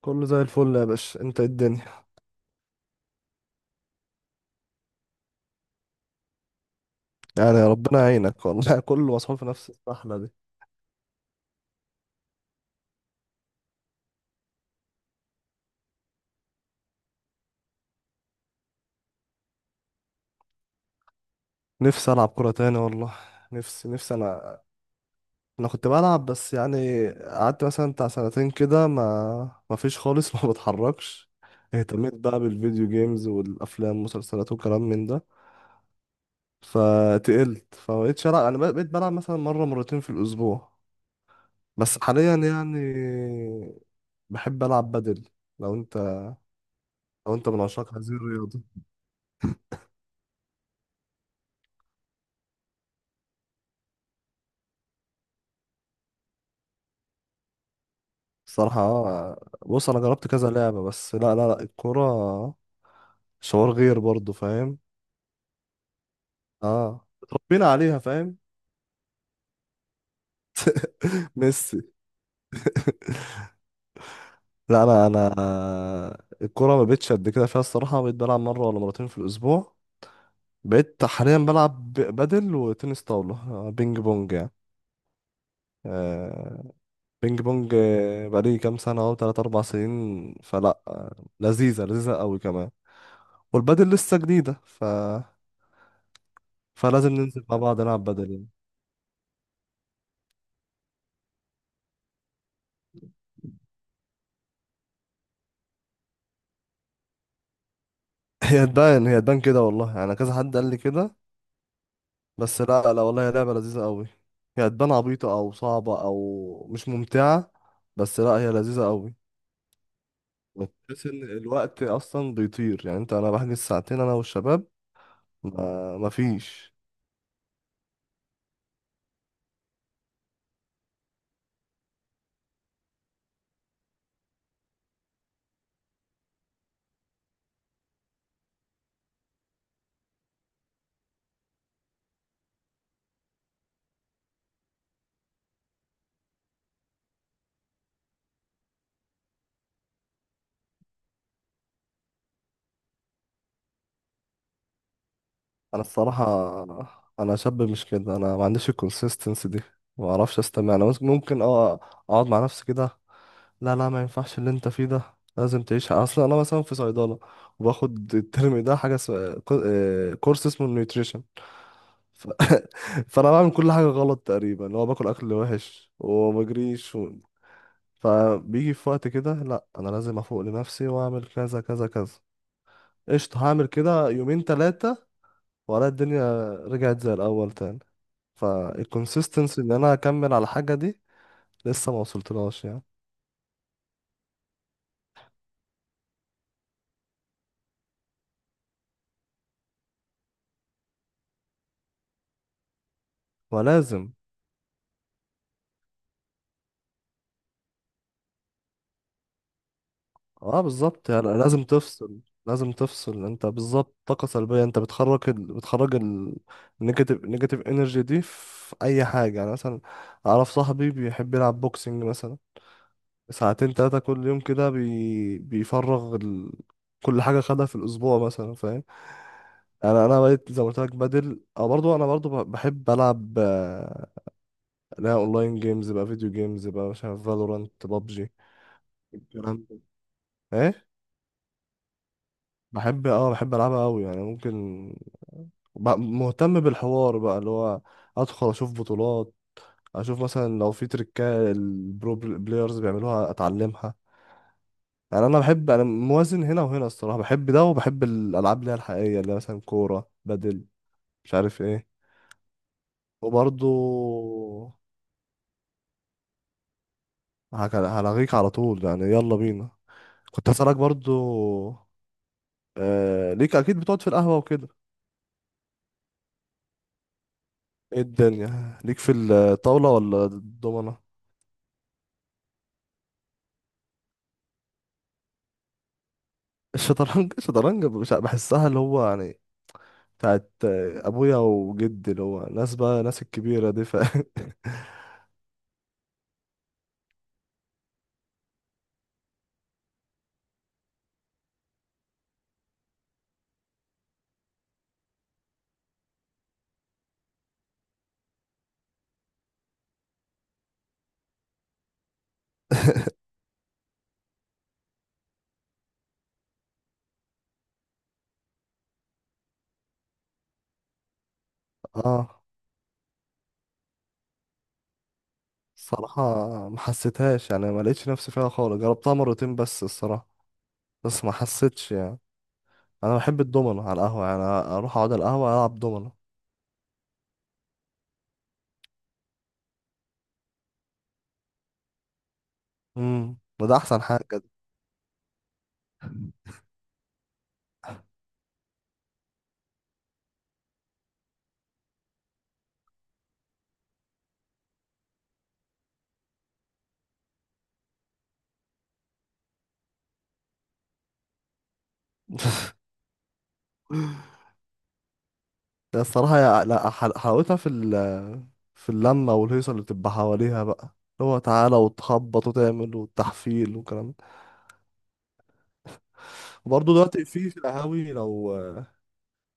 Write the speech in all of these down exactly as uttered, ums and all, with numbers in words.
كله زي الفل يا باشا، انت ايه الدنيا؟ يعني ربنا يعينك والله. كله مسحول في نفس السحلة دي. نفسي العب كرة تاني والله. نفسي نفسي انا. انا كنت بلعب، بس يعني قعدت مثلا بتاع سنتين كده ما ما فيش خالص. ما بتحركش. اهتميت بقى بالفيديو جيمز والافلام والمسلسلات وكلام من ده. فتقلت فمبقتش العب. انا بق- بقيت بلعب مثلا مرة مرتين في الاسبوع. بس حاليا يعني بحب العب بدل. لو انت لو انت من عشاق هذه الرياضة. الصراحة آه، بص أنا جربت كذا لعبة، بس لا لا لا، الكورة شعور غير برضه، فاهم؟ اه، اتربينا عليها فاهم. ميسي. لا أنا أنا آه، الكورة ما بقتش قد كده فيها الصراحة. بقيت بلعب مرة ولا مرتين في الأسبوع. بقيت حاليا بلعب ب- بدل وتنس طاولة. آه، بينج بونج يعني. آه، بينج بونج. آه، بقالي كام سنة أهو، تلات أربع سنين. فلا آه، لذيذة، لذيذة أوي كمان. والبدل لسه جديدة، ف فلازم ننزل مع بعض نلعب بدل يعني. هي تبان هي تبان كده والله، يعني كذا حد قال لي كده. بس لا لا، والله هي لعبة لذيذة قوي. هي تبان عبيطة او صعبة او مش ممتعة، بس لا، هي لذيذة قوي. بتحس ان الوقت اصلا بيطير. يعني انت، انا بحجز ساعتين انا والشباب، ما ما فيش. انا الصراحة، انا شاب مش كده. انا ما عنديش الكونسيستنسي دي. ما اعرفش استمع. انا ممكن ممكن اه اقعد مع نفسي كده. لا لا، ما ينفعش. اللي انت فيه ده لازم تعيشها اصلا. انا مثلا في صيدله، وباخد الترم ده حاجه س... كورس اسمه النيوتريشن. ف... فانا بعمل كل حاجه غلط تقريبا. اللي هو باكل اكل وحش وما بجريش و... فبيجي في وقت كده، لا انا لازم افوق لنفسي واعمل كذا كذا كذا. قشطه، هعمل كده يومين ثلاثه والاقي الدنيا رجعت زي الاول تاني. فالكونسيستنسي ان انا اكمل على الحاجه دي، لسه ما وصلتلهاش يعني. ولازم، اه بالظبط، يعني لازم تفصل. لازم تفصل انت بالظبط. طاقة سلبية، انت بتخرج ال... بتخرج النيجاتيف، نيجاتيف انرجي دي في اي حاجة، يعني مثلا اعرف صاحبي بيحب يلعب بوكسنج مثلا ساعتين تلاتة كل يوم كده. بي... بيفرغ ال... كل حاجة خدها في الاسبوع مثلا، فاهم؟ انا انا بقيت زي ما قلت لك بدل. اه، برضو انا برضو ب- بحب العب آه، اللي هي اونلاين جيمز بقى، فيديو جيمز بقى، مش عارف، فالورانت، بابجي، الكلام ده. ايه، بحب اه، بحب العبها قوي يعني. ممكن ب- مهتم بالحوار بقى، اللي هو ادخل اشوف بطولات، اشوف مثلا لو في تريكات البرو بل- بلايرز بيعملوها اتعلمها. يعني انا بحب، انا موازن هنا وهنا الصراحه. بحب ده وبحب الالعاب اللي هي الحقيقيه، اللي هي مثلا كوره، بدل، مش عارف ايه. وبرضو هك- هلغيك على طول يعني، يلا بينا. كنت هسألك برضو، آه، ليك اكيد بتقعد في القهوه وكده. ايه الدنيا، ليك في الطاوله ولا الضمنه؟ الشطرنج الشطرنج مش- بحسها اللي هو يعني بتاعت ابويا وجدي، اللي هو ناس بقى، ناس الكبيره دي ف اه الصراحه ما حسيتهاش يعني، ما لقيتش نفسي فيها خالص، جربتها مرتين بس الصراحه. بس ما حسيتش يعني. انا بحب الدومينو على القهوه. يعني اروح اقعد على القهوه العب دومينو. امم، وده احسن حاجه ده. ده الصراحه، يع- لا حل- حلاوتها في ال في اللمه والهيصه اللي بتبقى حواليها بقى. اللي هو تعالى وتخبط وتعمل والتحفيل والكلام. وبرضه دلوقتي في في القهاوي، لو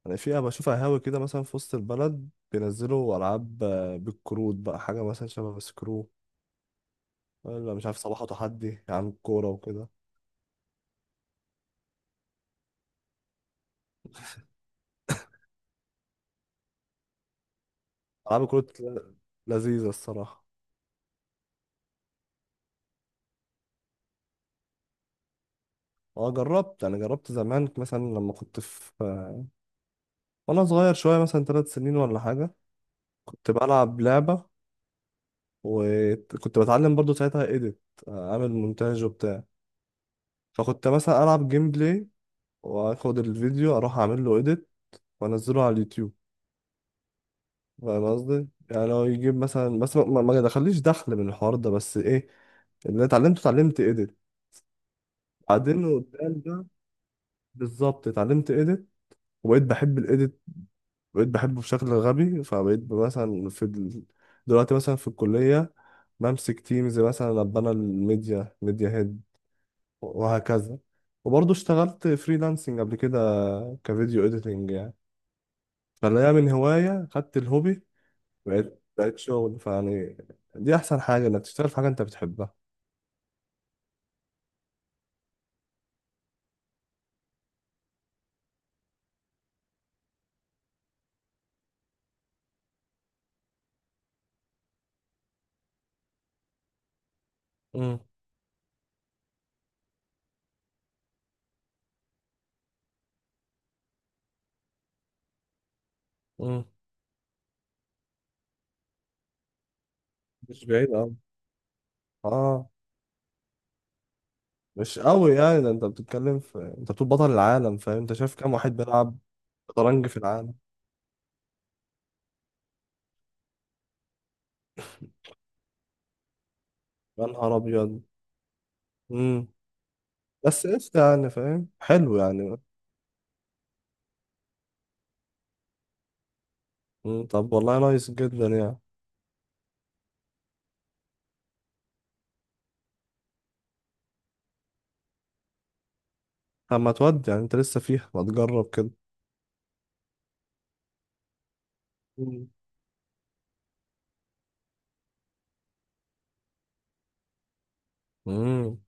يعني في، بشوف قهاوي كده مثلا في وسط البلد بينزلوا ألعاب، آه، بالكروت بقى، حاجة مثلا شبه سكرو، ولا مش عارف صباحه، تحدي عن الكورة وكده. ألعاب الكروت ل- لذيذة الصراحة. اه جربت، يعني جربت زمان مثلا لما كنت في آه، وأنا صغير شوية مثلا ثلاث سنين ولا حاجة، كنت بلعب لعبة، وكنت بتعلم برضو ساعتها إيديت، أعمل مونتاج وبتاع. فكنت مثلا ألعب جيم بلاي وآخد الفيديو أروح أعمل له إيديت وانزله على اليوتيوب. فاهم قصدي؟ يعني هو يجيب مثلا، بس ما ما- ما دخليش دخل من الحوار ده، بس ايه، اللي اتعلمته اتعلمت ايديت. بعدين قدام ده، بالظبط اتعلمت ايديت، وبقيت بحب الايديت، بقيت بحبه بشكل غبي. فبقيت ب- مثلا في ال... دلوقتي مثلا في الكلية بمسك تيمز، مثلا ابقى انا الميديا، ميديا هيد، وهكذا. وبرضه اشتغلت فريلانسنج قبل كده كفيديو اديتنج يعني. فاللي هي من هواية خدت الهوبي، بقيت بقيت شغل. فيعني دي احسن حاجه انك تشتغل في حاجه انت بتحبها. امم، امم، مش بعيد قوي، اه. مش قوي يعني، ده انت بتتكلم في، انت بتقول بطل العالم فاهم؟ انت شايف كام واحد بيلعب شطرنج في العالم؟ يا نهار ابيض. امم، بس ايش يعني فاهم، حلو يعني. مم. طب والله نايس جدا يعني. طب ما تودي يعني، انت لسه فيها، ما تجرب كده. أمم. امم.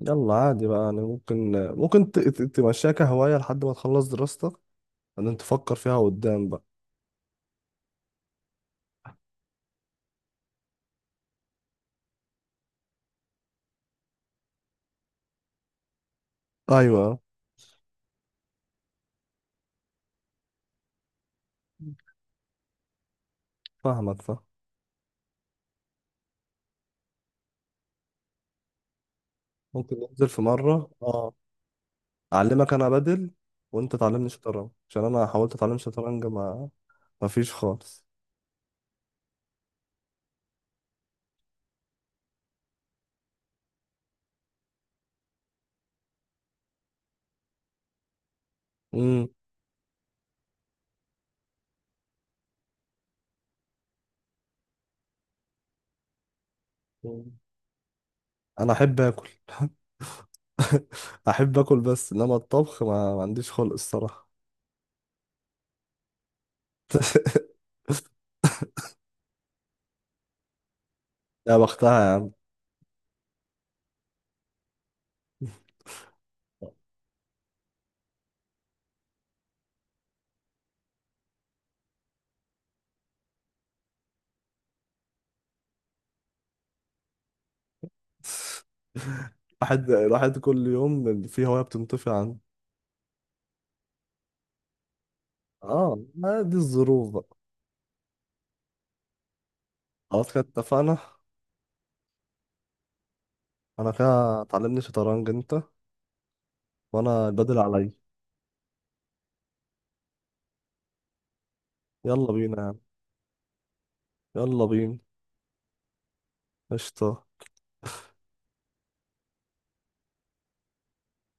يلا عادي بقى، يعني ممكن ممكن ت- ت- تمشيها كهواية لحد ما تخلص دراستك، بعدين تفكر فيها قدام بقى. ايوه، فاهمك، فاهم. ممكن ننزل في مره، اه، اعلمك انا بدل، وانت تعلمني شطرنج، عشان انا حاولت اتعلم شطرنج، ما ما فيش خالص. امم، انا احب اكل. احب اكل، بس انما الطبخ، ما, ما عنديش خلق الصراحه. يا بختها يا عم. الواحد الواحد كل يوم في هوايه بتنطفي عنه. اه، ما دي الظروف بقى. خلاص كده، اتفقنا. انا كده تعلمني شطرنج انت، وانا البدل عليا. يلا بينا يا عم. يلا بينا. قشطة.